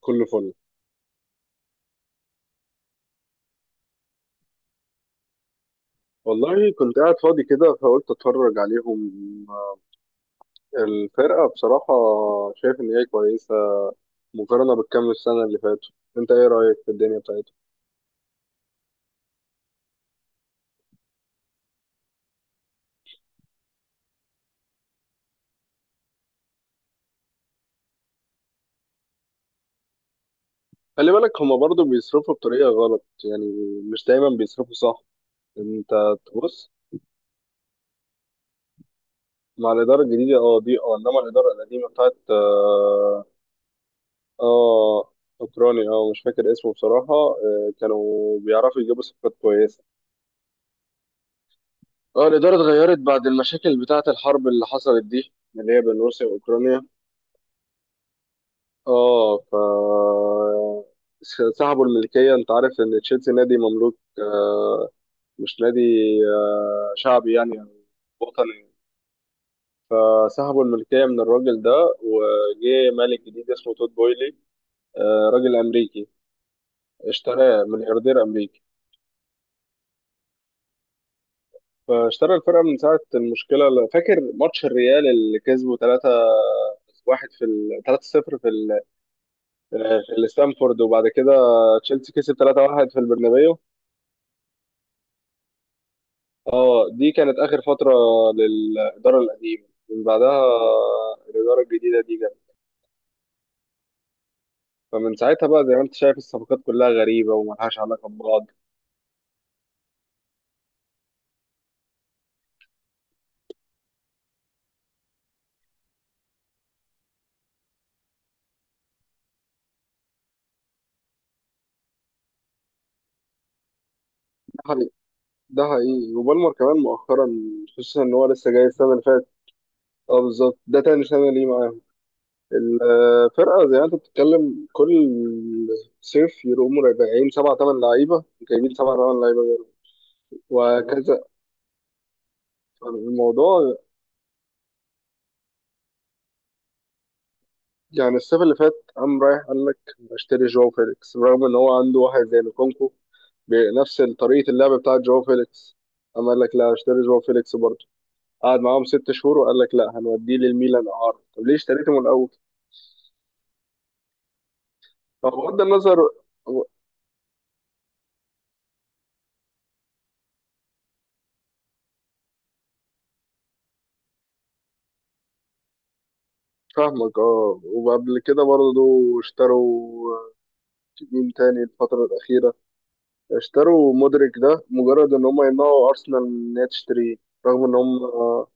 كله فل. والله كنت قاعد فاضي كده فقلت اتفرج عليهم. الفرقة بصراحة شايف ان هي كويسة مقارنة بالكام السنة اللي فاتوا. انت ايه رأيك في الدنيا بتاعتهم؟ خلي بالك هما برضو بيصرفوا بطريقة غلط يعني، مش دايما بيصرفوا صح. انت تبص، مع الإدارة الجديدة دي، انما الإدارة القديمة بتاعت اه، اوكراني، مش فاكر اسمه بصراحة، كانوا بيعرفوا يجيبوا صفقات كويسة. اه، الإدارة اتغيرت بعد المشاكل بتاعة الحرب اللي حصلت دي، اللي هي بين روسيا وأوكرانيا. اه ف سحبوا الملكية. أنت عارف إن تشيلسي نادي مملوك، مش نادي، شعبي يعني أو وطني. فسحبوا الملكية من الراجل ده، وجه مالك جديد اسمه تود بويلي، راجل أمريكي، اشتراه ملياردير أمريكي. فاشترى الفرقة من ساعة المشكلة. فاكر ماتش الريال اللي كسبه 3 واحد في 3 0 في، لستامفورد؟ وبعد كده تشيلسي كسب 3-1 في البرنابيو. اه، دي كانت اخر فتره للاداره القديمه. من بعدها، الاداره الجديده دي جت. فمن ساعتها بقى زي ما انت شايف الصفقات كلها غريبه وملهاش علاقه ببعض. ده حقيقي، ده حقيقي، وبالمر كمان مؤخرا خصوصا ان هو لسه جاي السنه اللي فاتت. اه بالظبط، ده تاني سنه ليه معاهم. الفرقه زي ما انت بتتكلم كل صيف يقوموا راجعين سبعة تمن لعيبه، جايبين سبعة تمن لعيبه غيره، وهكذا. الموضوع يعني الصيف اللي فات قام رايح قال لك اشتري جواو فيليكس رغم ان هو عنده واحد زي لوكونكو بنفس طريقة اللعب بتاعت جواو فيليكس. قام قال لك لا اشتري جواو فيليكس برضه، قعد معاهم ست شهور وقال لك لا هنوديه للميلان اعاره. طب ليه اشتريته من الاول؟ طب بغض النظر. فاهمك. اه، وقبل كده برضه اشتروا، مين تاني الفترة الأخيرة؟ اشتروا مودريك ده مجرد ان هم يمنعوا أرسنال ان هي تشتريه. رغم ان هم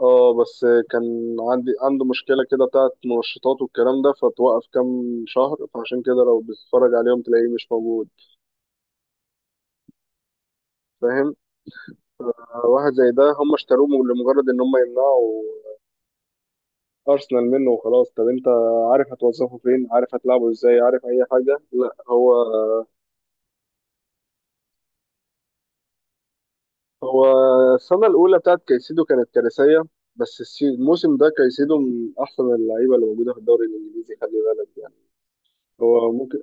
اه، بس كان عندي عنده مشكلة كده بتاعت منشطات والكلام ده، فتوقف كام شهر، فعشان كده لو بتتفرج عليهم تلاقيه مش موجود. فاهم. واحد زي ده هم اشتروه لمجرد ان هم يمنعوا ارسنال منه وخلاص. طب انت عارف هتوظفه فين؟ عارف هتلعبه ازاي؟ عارف اي حاجة؟ لا. هو السنة الأولى بتاعت كايسيدو كانت كارثية، بس الموسم ده كايسيدو من أحسن اللعيبة اللي موجودة في الدوري الإنجليزي. خلي بالك يعني. هو ممكن،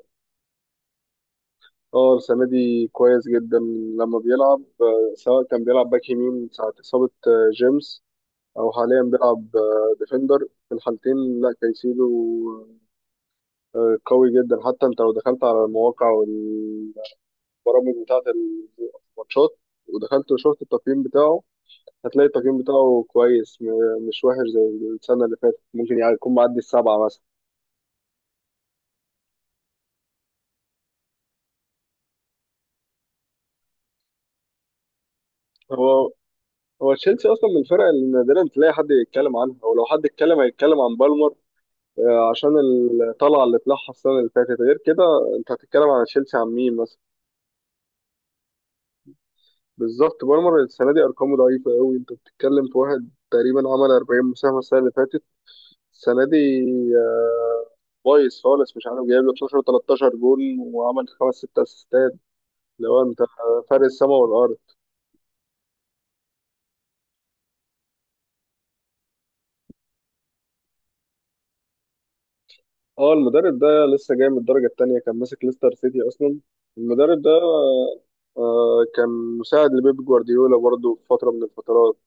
اه، السنة دي كويس جدا. لما بيلعب، سواء كان بيلعب باك يمين ساعة إصابة، جيمس، أو حاليا بيلعب، ديفندر، في الحالتين لا كايسيدو، قوي جدا. حتى أنت لو دخلت على المواقع والبرامج بتاعة الماتشات، ودخلت وشفت التقييم بتاعه، هتلاقي التقييم بتاعه كويس، مش وحش زي السنة اللي فاتت. ممكن يعني يكون معدي السبعة مثلا. هو هو تشيلسي أصلا من الفرق اللي نادرا تلاقي حد يتكلم عنها، ولو حد اتكلم هيتكلم عن بالمر، عشان الطلعه اللي طلعها السنه اللي فاتت. غير كده انت هتتكلم على تشيلسي عن مين مثلا؟ بالظبط، مارمر السنه دي ارقامه ضعيفه قوي. انت بتتكلم في واحد تقريبا عمل 40 مساهمه السنه اللي فاتت، السنه دي، آه، بايظ خالص. مش عارف جايب له 12 13 جول، وعمل خمس ست اسيستات. لو انت، فرق السما والارض. اه، المدرب ده لسه جاي من الدرجه الثانيه، كان ماسك ليستر سيتي اصلا. المدرب ده، كان مساعد لبيب جوارديولا برضه في فتره من الفترات.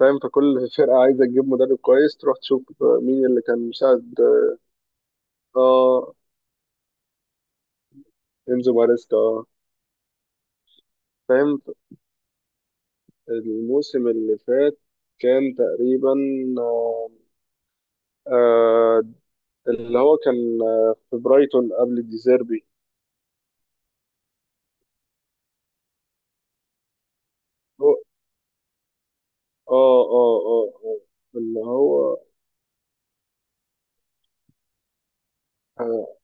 فاهم. فكل فرقة عايزة تجيب مدرب كويس تروح تشوف مين اللي كان مساعد. اه، انزو ماريسكا، اه. فاهم. الموسم اللي فات كان تقريبا، آه آه، اللي هو كان، في برايتون قبل ديزيربي. هو اه اه اه آه، اللي هو آه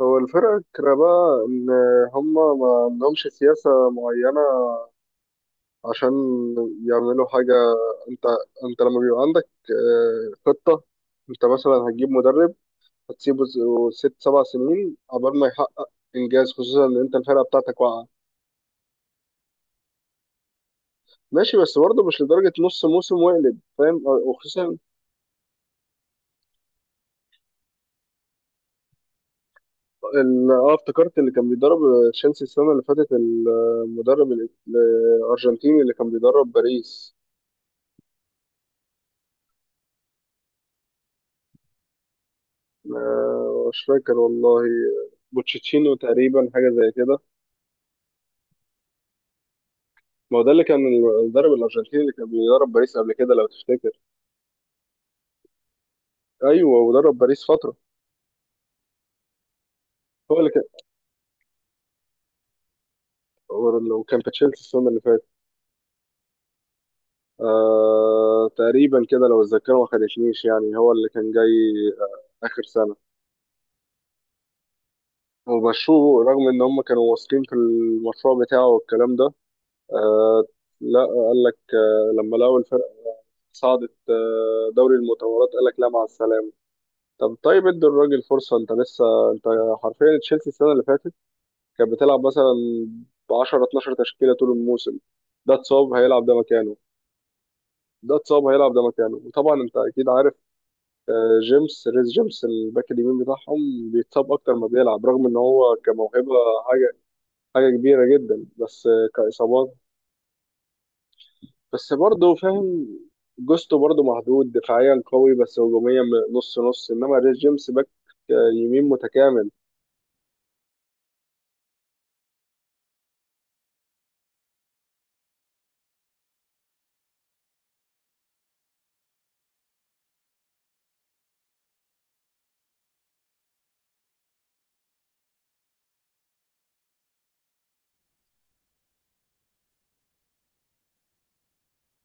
الفرقة، بقى إن هما ما عندهمش سياسة معينة عشان يعملوا حاجة. انت انت لما بيبقى عندك، خطة، انت مثلا هتجيب مدرب، هتسيبه ست سبع سنين عقبال ما يحقق انجاز، خصوصا ان انت الفرقة بتاعتك واقعة. ماشي، بس برضه مش لدرجة نص موسم ويقلب، فاهم؟ وخصوصا اه، افتكرت اللي كان بيدرب، تشيلسي السنة اللي فاتت، المدرب الأرجنتيني اللي كان بيدرب باريس، مش فاكر والله. بوتشيتشينو تقريبا، حاجة زي كده. ما هو ده اللي كان المدرب الأرجنتيني اللي كان بيدرب باريس قبل كده لو تفتكر. ايوه، ودرب باريس فتره. هو اللي كان هو لو كان في تشيلسي السنه اللي فاتت، تقريبا كده لو الذاكره ما خدتنيش. يعني هو اللي كان جاي، اخر سنه. وبشو رغم ان هم كانوا واثقين في المشروع بتاعه والكلام ده. آه لا قال لك، لما لقوا الفرقه صعدت دوري المطورات قال لك لا، مع السلامه. طب طيب، ادي الراجل فرصه. انت لسه، انت حرفيا تشيلسي السنه اللي فاتت كانت بتلعب مثلا ب 10 12 تشكيله طول الموسم. ده اتصاب هيلعب ده مكانه، ده اتصاب هيلعب ده مكانه. وطبعا انت اكيد عارف، جيمس، ريس جيمس الباك اليمين بتاعهم بيتصاب اكتر ما بيلعب رغم ان هو كموهبه حاجه حاجه كبيره جدا، بس، كاصابات. بس برضه فاهم، جوستو برضه مهدود دفاعيا قوي بس هجوميا نص نص، انما ريس جيمس باك، يمين متكامل.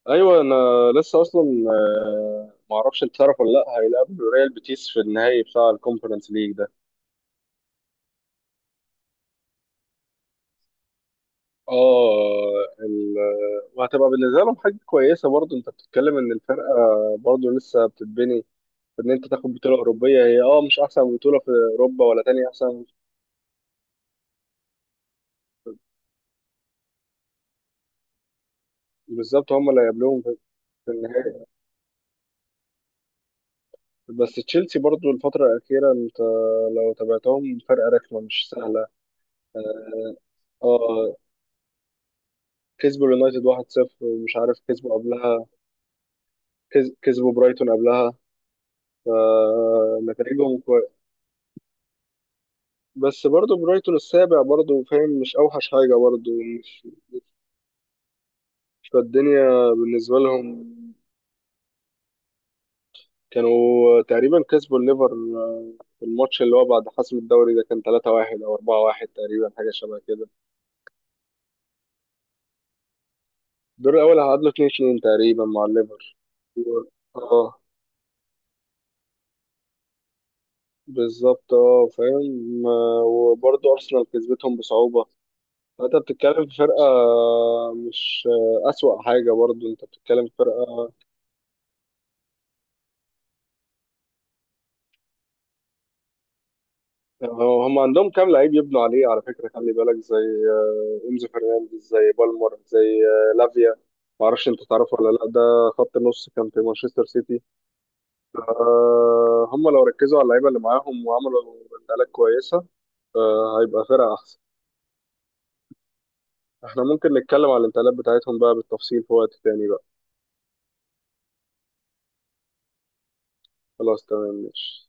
ايوه، انا لسه اصلا، معرفش انت تعرف ولا لا، هيلعب ريال بيتيس في النهائي بتاع الكونفرنس ليج. اه ال... وهتبقى بالنسبه لهم حاجه كويسه برضه. انت بتتكلم ان الفرقه برضه لسه بتتبني. ان انت تاخد بطوله اوروبيه، هي اه مش احسن بطوله في اوروبا ولا تاني احسن. بالظبط، هم اللي هيقابلوهم في، في النهائي. بس تشيلسي برضه الفتره الاخيره، انت لو تابعتهم، فرقه رخمه مش سهله. اه، آه، كسبوا اليونايتد 1-0 ومش عارف كسبوا قبلها. كسبوا برايتون قبلها. فنتائجهم كويس، بس برضه برايتون السابع برضه، فاهم؟ مش اوحش حاجه برضه. فالدنيا بالنسبة لهم، كانوا تقريبا كسبوا الليفر، في الماتش اللي هو بعد حسم الدوري، ده كان 3-1 أو 4-1 تقريبا، حاجة شبه كده. الدور الأول هعادلوا 2-2 تقريبا مع الليفر. و- اه بالظبط، اه، فاهم، وبرضه أرسنال كسبتهم بصعوبة. فأنت بتتكلم في فرقة، مش آه، أسوأ حاجة. برضه أنت بتتكلم في فرقة، هو هم عندهم كام لعيب يبنوا عليه على فكرة، خلي بالك زي، إنزو فرنانديز، زي بالمر، زي، لافيا، ما اعرفش انت تعرفه ولا لا، ده خط نص كان في مانشستر سيتي. هم لو ركزوا على اللعيبة اللي معاهم وعملوا انتقالات كويسة، هيبقى فرقة أحسن. احنا ممكن نتكلم على الانتقالات بتاعتهم بقى بالتفصيل في وقت تاني بقى. خلاص تمام، ماشي.